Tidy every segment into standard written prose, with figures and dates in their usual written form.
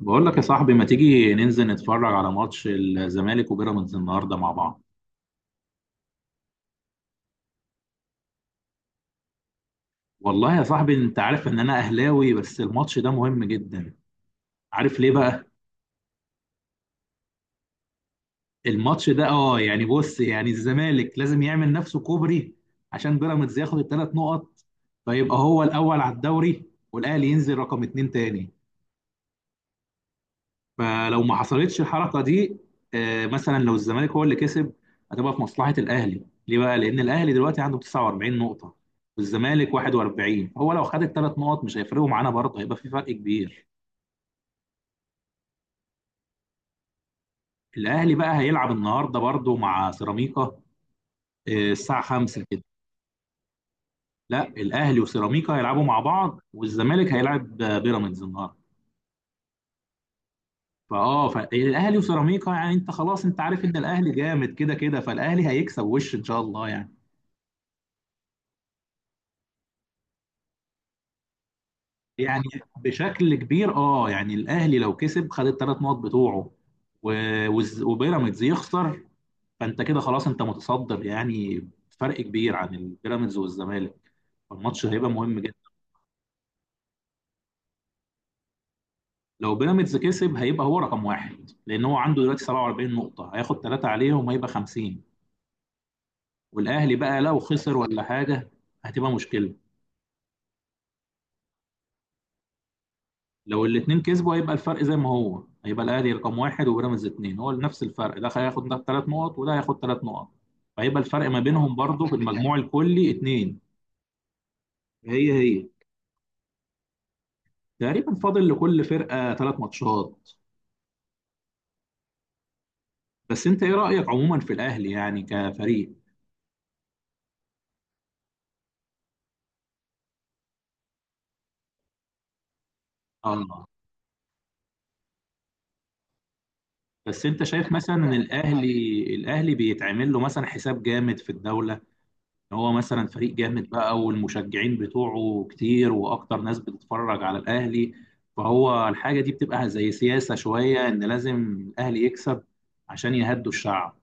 بقول لك يا صاحبي، ما تيجي ننزل نتفرج على ماتش الزمالك وبيراميدز النهارده مع بعض؟ والله يا صاحبي انت عارف ان انا اهلاوي، بس الماتش ده مهم جدا. عارف ليه بقى؟ الماتش ده يعني بص، يعني الزمالك لازم يعمل نفسه كوبري عشان بيراميدز ياخد الثلاث نقط، فيبقى هو الاول على الدوري والاهلي ينزل رقم اتنين تاني. فلو ما حصلتش الحركه دي، مثلا لو الزمالك هو اللي كسب، هتبقى في مصلحه الاهلي. ليه بقى؟ لان الاهلي دلوقتي عنده 49 نقطه والزمالك 41، هو لو خد الثلاث نقط مش هيفرقوا معانا برضه، هيبقى في فرق كبير. الاهلي بقى هيلعب النهارده برضه مع سيراميكا، الساعه 5 كده. لا، الاهلي وسيراميكا هيلعبوا مع بعض، والزمالك هيلعب بيراميدز النهارده. فاه، فالاهلي وسيراميكا، يعني انت خلاص، انت عارف ان الاهلي جامد كده كده، فالاهلي هيكسب وش ان شاء الله يعني. يعني بشكل كبير، يعني الاهلي لو كسب خد الثلاث نقط بتوعه وبيراميدز يخسر، فانت كده خلاص، انت متصدر يعني، فرق كبير عن البيراميدز والزمالك. الماتش هيبقى مهم جدا. لو بيراميدز كسب هيبقى هو رقم واحد، لان هو عنده دلوقتي 47 نقطة، هياخد ثلاثة عليهم هيبقى 50. والاهلي بقى لو خسر ولا حاجة هتبقى مشكلة. لو الاثنين كسبوا هيبقى الفرق زي ما هو، هيبقى الاهلي رقم واحد وبيراميدز اثنين، هو نفس الفرق، ده هياخد ده ثلاث نقط وده هياخد ثلاث نقط، فهيبقى الفرق ما بينهم برضه في المجموع الكلي اثنين. هي هي. تقريبا فاضل لكل فرقه ثلاث ماتشات. بس انت ايه رايك عموما في الاهلي يعني كفريق؟ اه، بس انت شايف مثلا ان الاهلي بيتعمل له مثلا حساب جامد في الدوله، هو مثلا فريق جامد بقى، والمشجعين بتوعه كتير، واكتر ناس بتتفرج على الاهلي، فهو الحاجه دي بتبقى زي سياسه شويه ان لازم الاهلي يكسب عشان يهدوا الشعب.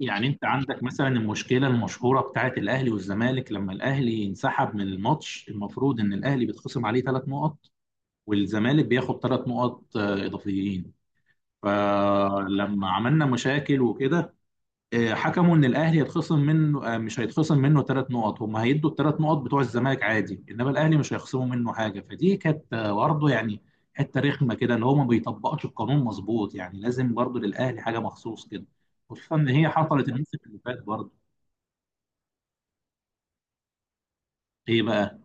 يعني انت عندك مثلا المشكله المشهوره بتاعت الاهلي والزمالك، لما الاهلي ينسحب من الماتش المفروض ان الاهلي بيتخصم عليه ثلاث نقط والزمالك بياخد ثلاث نقط اضافيين. فلما عملنا مشاكل وكده، حكموا ان الاهلي هيتخصم منه، مش هيتخصم منه ثلاث نقط، هم هيدوا الثلاث نقط بتوع الزمالك عادي، انما الاهلي مش هيخصموا منه حاجه. فدي كانت برضه يعني حته رخمه كده ان هو ما بيطبقش القانون مظبوط، يعني لازم برضه للاهلي حاجه مخصوص كده، خصوصا ان هي حصلت الموسم اللي فات برضه. ايه بقى؟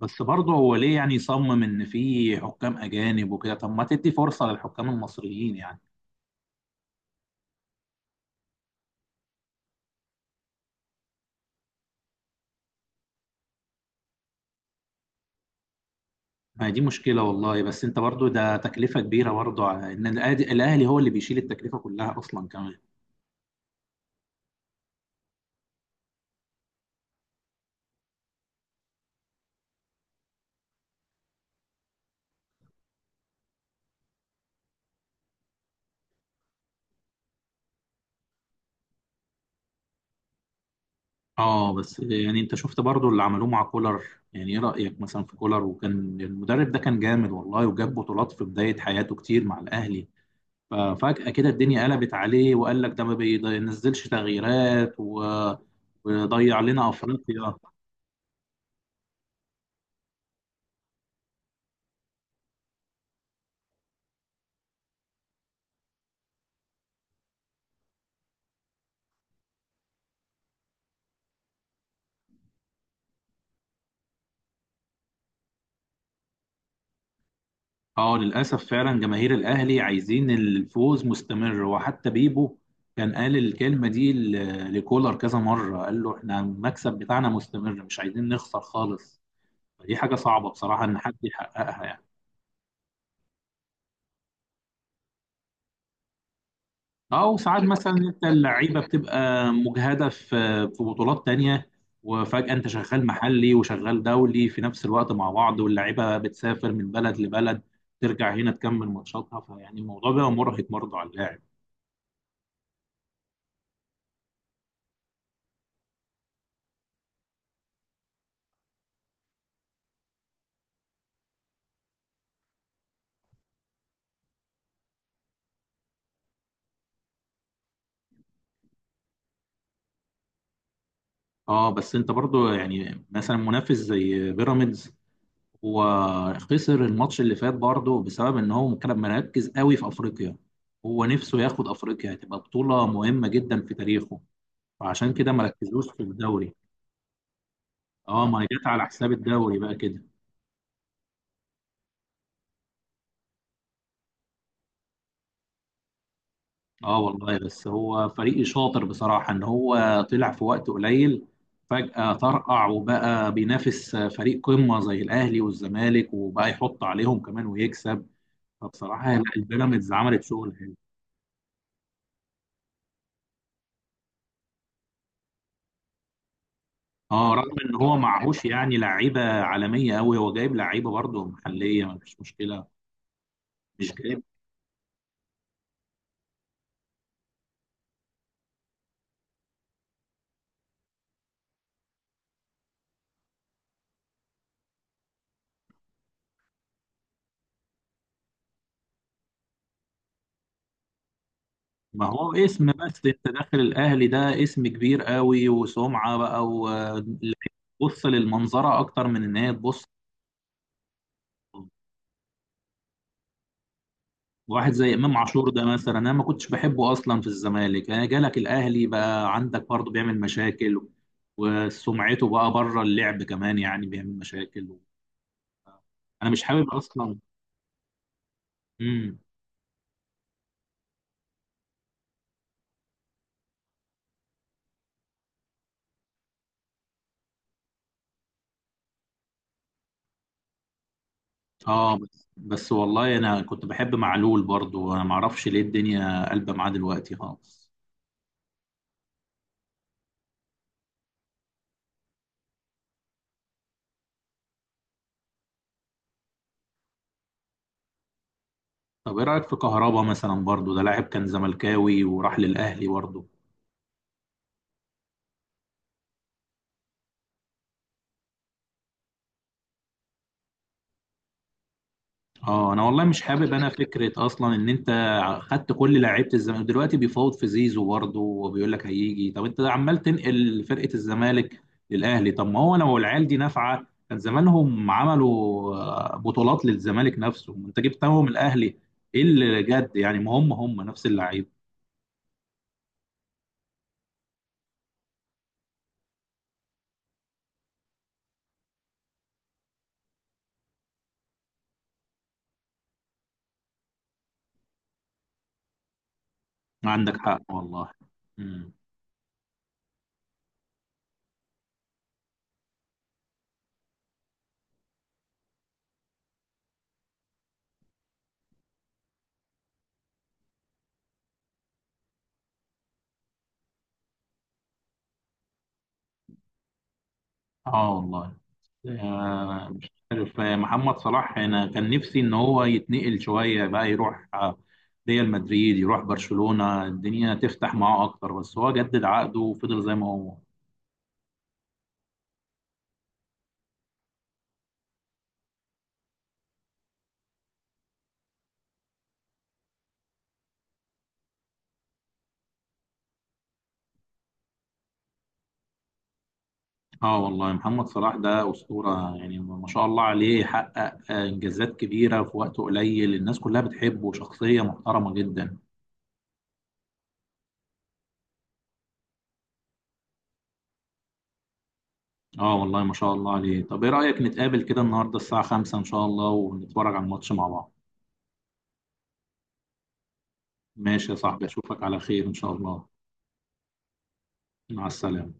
بس برضه هو ليه يعني يصمم ان في حكام اجانب وكده؟ طب ما تدي فرصه للحكام المصريين يعني. ما هي دي مشكله والله، بس انت برضه ده تكلفه كبيره برضه على ان الأهلي هو اللي بيشيل التكلفه كلها اصلا كمان. اه، بس يعني انت شفت برضو اللي عملوه مع كولر، يعني ايه رأيك مثلا في كولر وكان؟ المدرب ده كان جامد والله، وجاب بطولات في بداية حياته كتير مع الأهلي. ففجأة كده الدنيا قلبت عليه وقال لك ده ما بينزلش تغييرات ويضيع لنا أفريقيا. اه، للأسف فعلا جماهير الأهلي عايزين الفوز مستمر، وحتى بيبو كان قال الكلمة دي لكولر كذا مرة، قال له احنا المكسب بتاعنا مستمر مش عايزين نخسر خالص. دي حاجة صعبة بصراحة إن حد يحققها يعني. اه، وساعات مثلا انت اللعيبه بتبقى مجهده في في بطولات تانية، وفجاه انت شغال محلي وشغال دولي في نفس الوقت مع بعض، واللعيبه بتسافر من بلد لبلد، ترجع هنا تكمل ماتشاتها، فيعني الموضوع بقى مرهق برضه على اللاعب. اه، بس انت برضه يعني مثلا منافس زي بيراميدز، هو خسر الماتش اللي فات برضه بسبب ان هو كان مركز قوي في افريقيا، هو نفسه ياخد افريقيا هتبقى بطوله مهمه جدا في تاريخه، فعشان كده مركزوش في الدوري. اه، ما هي جت على حساب الدوري بقى كده. اه والله، بس هو فريق شاطر بصراحة، ان هو طلع في وقت قليل فجأة طرقع وبقى بينافس فريق قمة زي الاهلي والزمالك، وبقى يحط عليهم كمان ويكسب. فبصراحة لا، البيراميدز عملت شغل حلو. اه، رغم ان هو معهوش يعني لعيبة عالمية قوي، هو جايب لعيبة برضه محلية مفيش مشكلة. مش ما هو اسم، بس انت داخل الاهلي ده اسم كبير قوي وسمعه بقى، وتبص للمنظره اكتر من ان هي تبص. واحد زي امام عاشور ده مثلا، انا ما كنتش بحبه اصلا في الزمالك، انا جالك الاهلي بقى عندك برضه بيعمل مشاكل، وسمعته بقى بره اللعب كمان يعني بيعمل مشاكل. انا مش حابب اصلا. امم. اه، بس بس والله انا كنت بحب معلول برضه، انا ما اعرفش ليه الدنيا قلبه معاه دلوقتي خالص. طب ايه رايك في كهربا مثلا برضو؟ ده لاعب كان زملكاوي وراح للاهلي برضو. اه، انا والله مش حابب، انا فكره اصلا ان انت خدت كل لعيبه الزمالك. دلوقتي بيفاوض في زيزو برضو، وبيقول لك هيجي. طب انت عمال تنقل فرقه الزمالك للاهلي، طب ما هو لو العيال دي نافعه كان زمانهم عملوا بطولات للزمالك نفسه، انت جبتهم الاهلي ايه اللي جد يعني؟ ما هم هم نفس اللعيبه. عندك حق والله. امم. اه والله مش عارف، محمد صلاح انا كان نفسي ان هو يتنقل شويه بقى، يروح ريال مدريد، يروح برشلونه، الدنيا تفتح معاه اكتر، بس هو جدد عقده وفضل زي ما هو. اه والله، محمد صلاح ده اسطوره يعني، ما شاء الله عليه، حقق انجازات كبيره في وقت قليل، الناس كلها بتحبه، شخصيه محترمه جدا. اه والله ما شاء الله عليه. طب ايه رايك نتقابل كده النهارده الساعه 5 ان شاء الله ونتفرج على الماتش مع بعض؟ ماشي يا صاحبي، اشوفك على خير ان شاء الله. مع السلامه.